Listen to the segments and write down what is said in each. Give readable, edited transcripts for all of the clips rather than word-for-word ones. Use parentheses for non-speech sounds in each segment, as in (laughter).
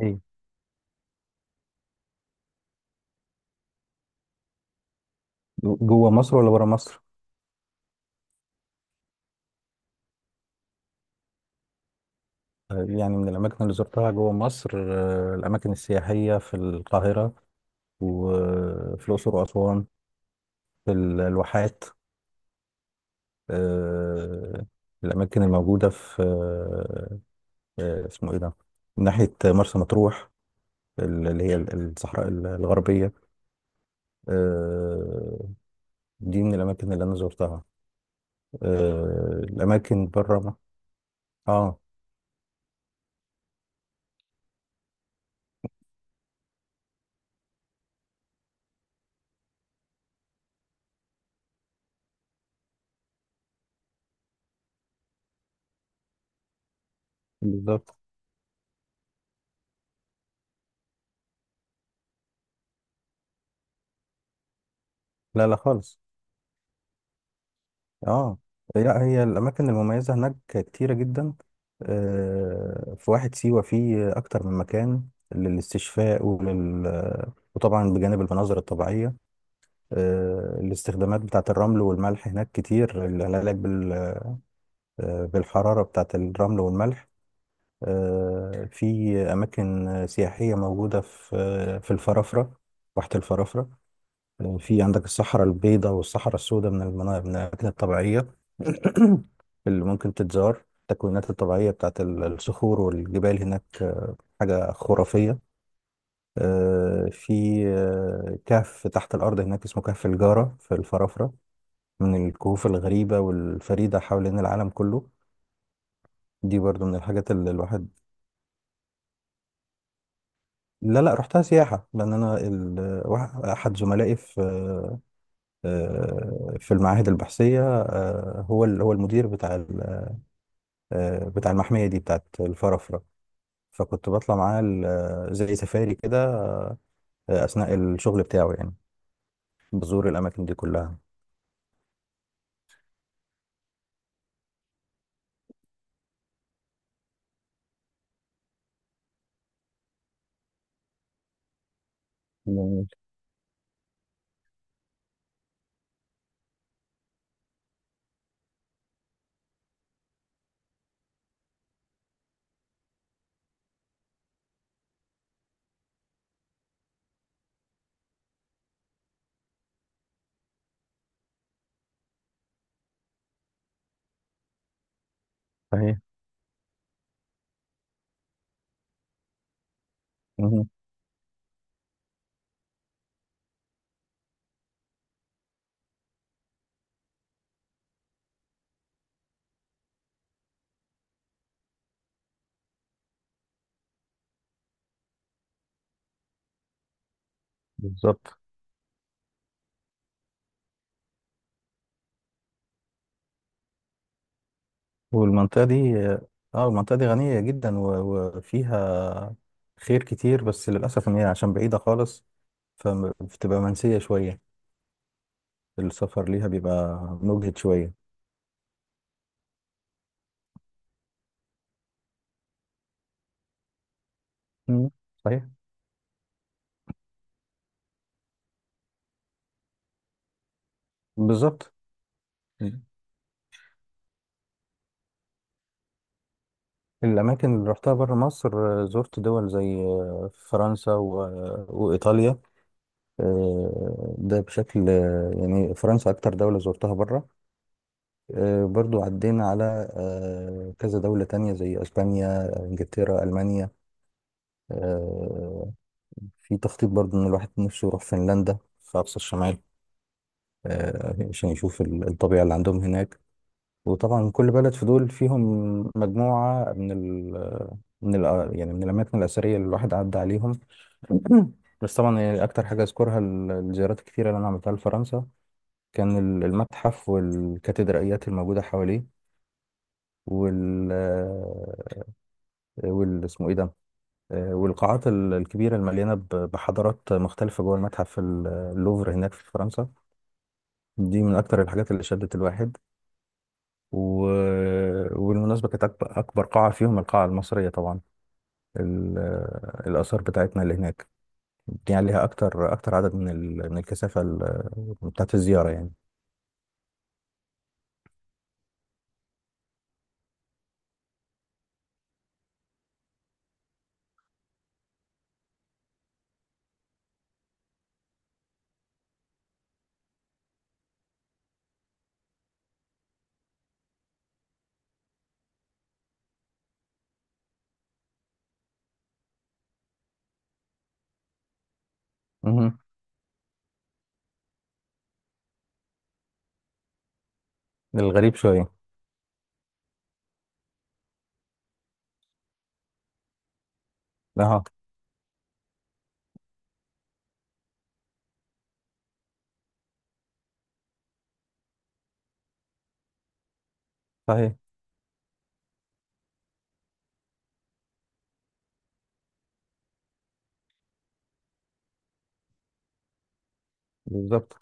ايه. جوه مصر ولا بره مصر؟ يعني من الأماكن اللي زرتها جوه مصر، الأماكن السياحية في القاهرة، وفي الأقصر وأسوان، في الواحات. آه، الأماكن الموجودة في، اسمه إيه ده؟ من ناحية مرسى مطروح، اللي هي الصحراء الغربية. آه، دي من الأماكن اللي أنا زرتها. الأماكن بره آه بالظبط. لا لا خالص. اه لا، هي الاماكن المميزه هناك كتيره جدا. في واحد سيوه فيه اكتر من مكان للاستشفاء وطبعا بجانب المناظر الطبيعيه. الاستخدامات بتاعه الرمل والملح هناك كتير، العلاج بالحراره بتاعه الرمل والملح. في اماكن سياحيه موجوده في الفرافره، واحه الفرافره. في عندك الصحراء البيضاء والصحراء السوداء، من من الأماكن الطبيعية (clears throat) اللي ممكن تتزار، التكوينات الطبيعية بتاعت الصخور والجبال هناك، حاجة خرافية. آه، في آه، كهف تحت الأرض هناك اسمه كهف الجارة في الفرافرة، من الكهوف الغريبة والفريدة حوالين العالم كله. دي برضو من الحاجات اللي الواحد. لا لا رحتها سياحة، لأن أنا أحد زملائي في، في المعاهد البحثية، هو هو المدير بتاع، بتاع المحمية دي بتاعت الفرافرة. فكنت بطلع معاه زي سفاري كده، أثناء الشغل بتاعه يعني. بزور الأماكن دي كلها. جميل. صحيح. مهم. بالظبط. والمنطقة دي، المنطقة دي غنية جدا وفيها خير كتير، بس للأسف إن هي عشان بعيدة خالص فبتبقى منسية شوية، السفر ليها بيبقى مجهد شوية. مم. صحيح. بالظبط. الأماكن اللي رحتها بره مصر، زرت دول زي فرنسا وإيطاليا. ده بشكل، يعني فرنسا أكتر دولة زرتها بره. برضو عدينا على كذا دولة تانية زي أسبانيا، إنجلترا، ألمانيا. آه، في تخطيط برضو إن الواحد نفسه يروح فنلندا في أقصى الشمال، عشان يشوف الطبيعة اللي عندهم هناك. وطبعا كل بلد في دول فيهم مجموعة من ال من ال يعني من الأماكن الأثرية اللي الواحد عدى عليهم. (clears throat) بس طبعا يعني اكتر حاجه اذكرها الزيارات الكتيره اللي انا عملتها لفرنسا، كان المتحف والكاتدرائيات الموجوده حواليه، وال آه، وال اسمه ايه ده؟ والقاعات الكبيره المليانه بحضارات مختلفه جوه المتحف اللوفر هناك في فرنسا. دي من اكتر الحاجات اللي شدت الواحد و... وبالمناسبه كانت اكبر قاعه فيهم، القاعه المصريه طبعا. ال- الاثار بتاعتنا اللي هناك، دي عليها اكتر اكتر عدد من الكثافه بتاعت الزياره يعني. مهم. الغريب شوية. اه. صحيح. بالظبط.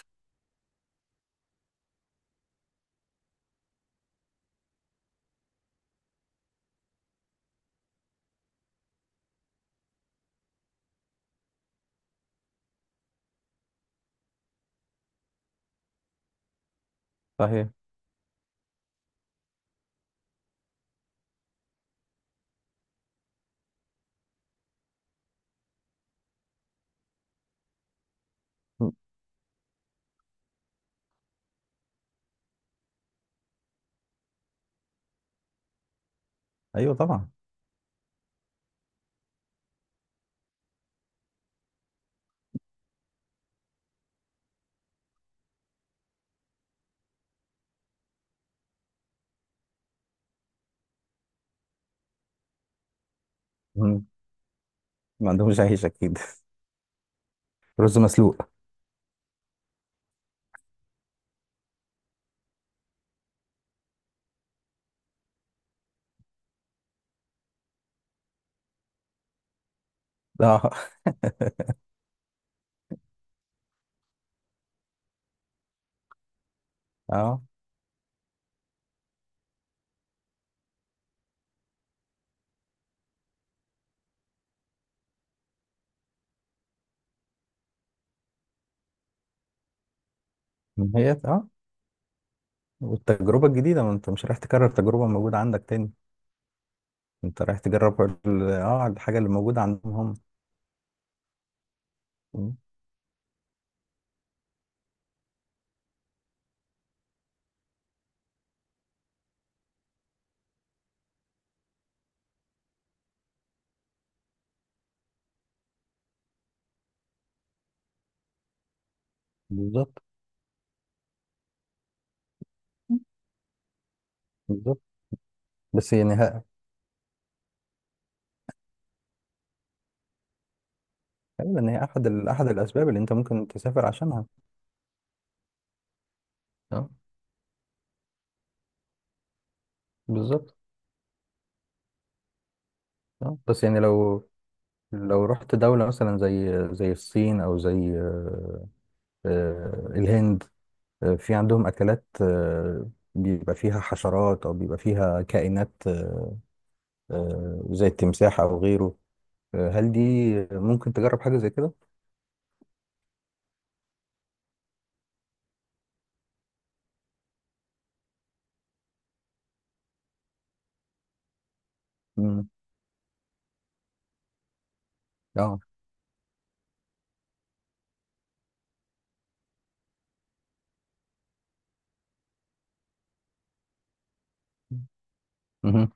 صحيح. م. ايوه طبعا. مهم. ما عندهمش عيش اكيد. (laughs) رز مسلوق. اه. (laughs) اه. ما هي اه، والتجربة الجديدة، ما انت مش رايح تكرر تجربة موجودة عندك تاني. انت رايح تجرب الحاجة اللي موجودة عندهم هم. مم. بالظبط. بالظبط. بس يعني ها، ايوه ان هي احد الاسباب اللي انت ممكن تسافر عشانها. اه. بالظبط. اه بس يعني لو رحت دولة مثلا زي الصين او زي، الهند، في عندهم أكلات، بيبقى فيها حشرات أو بيبقى فيها كائنات، زي التمساح أو غيره. هل دي ممكن تجرب حاجة زي كده؟ مم. اه. مهم.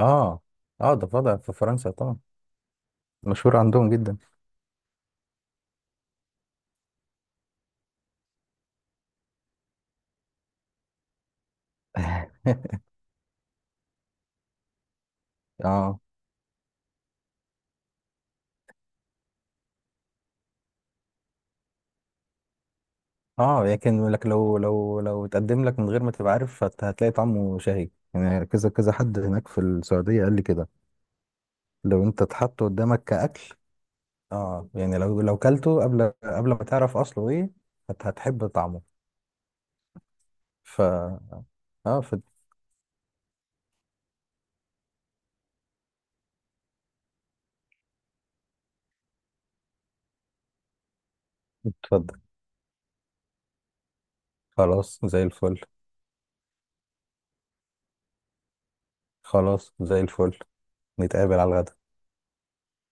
اه. اه ده فضع في فرنسا طبعا، مشهور عندهم جدا. (laughs) اه. اه لكن لو اتقدم لك من غير ما تبقى عارف هتلاقي طعمه شهي يعني، كذا كذا حد هناك في السعودية قال لي كده. لو انت اتحط قدامك كأكل، اه يعني لو كلته قبل ما تعرف اصله ايه هتحب طعمه. ف اه ف... اتفضل. خلاص زي الفل. خلاص زي الفل. نتقابل على الغدا.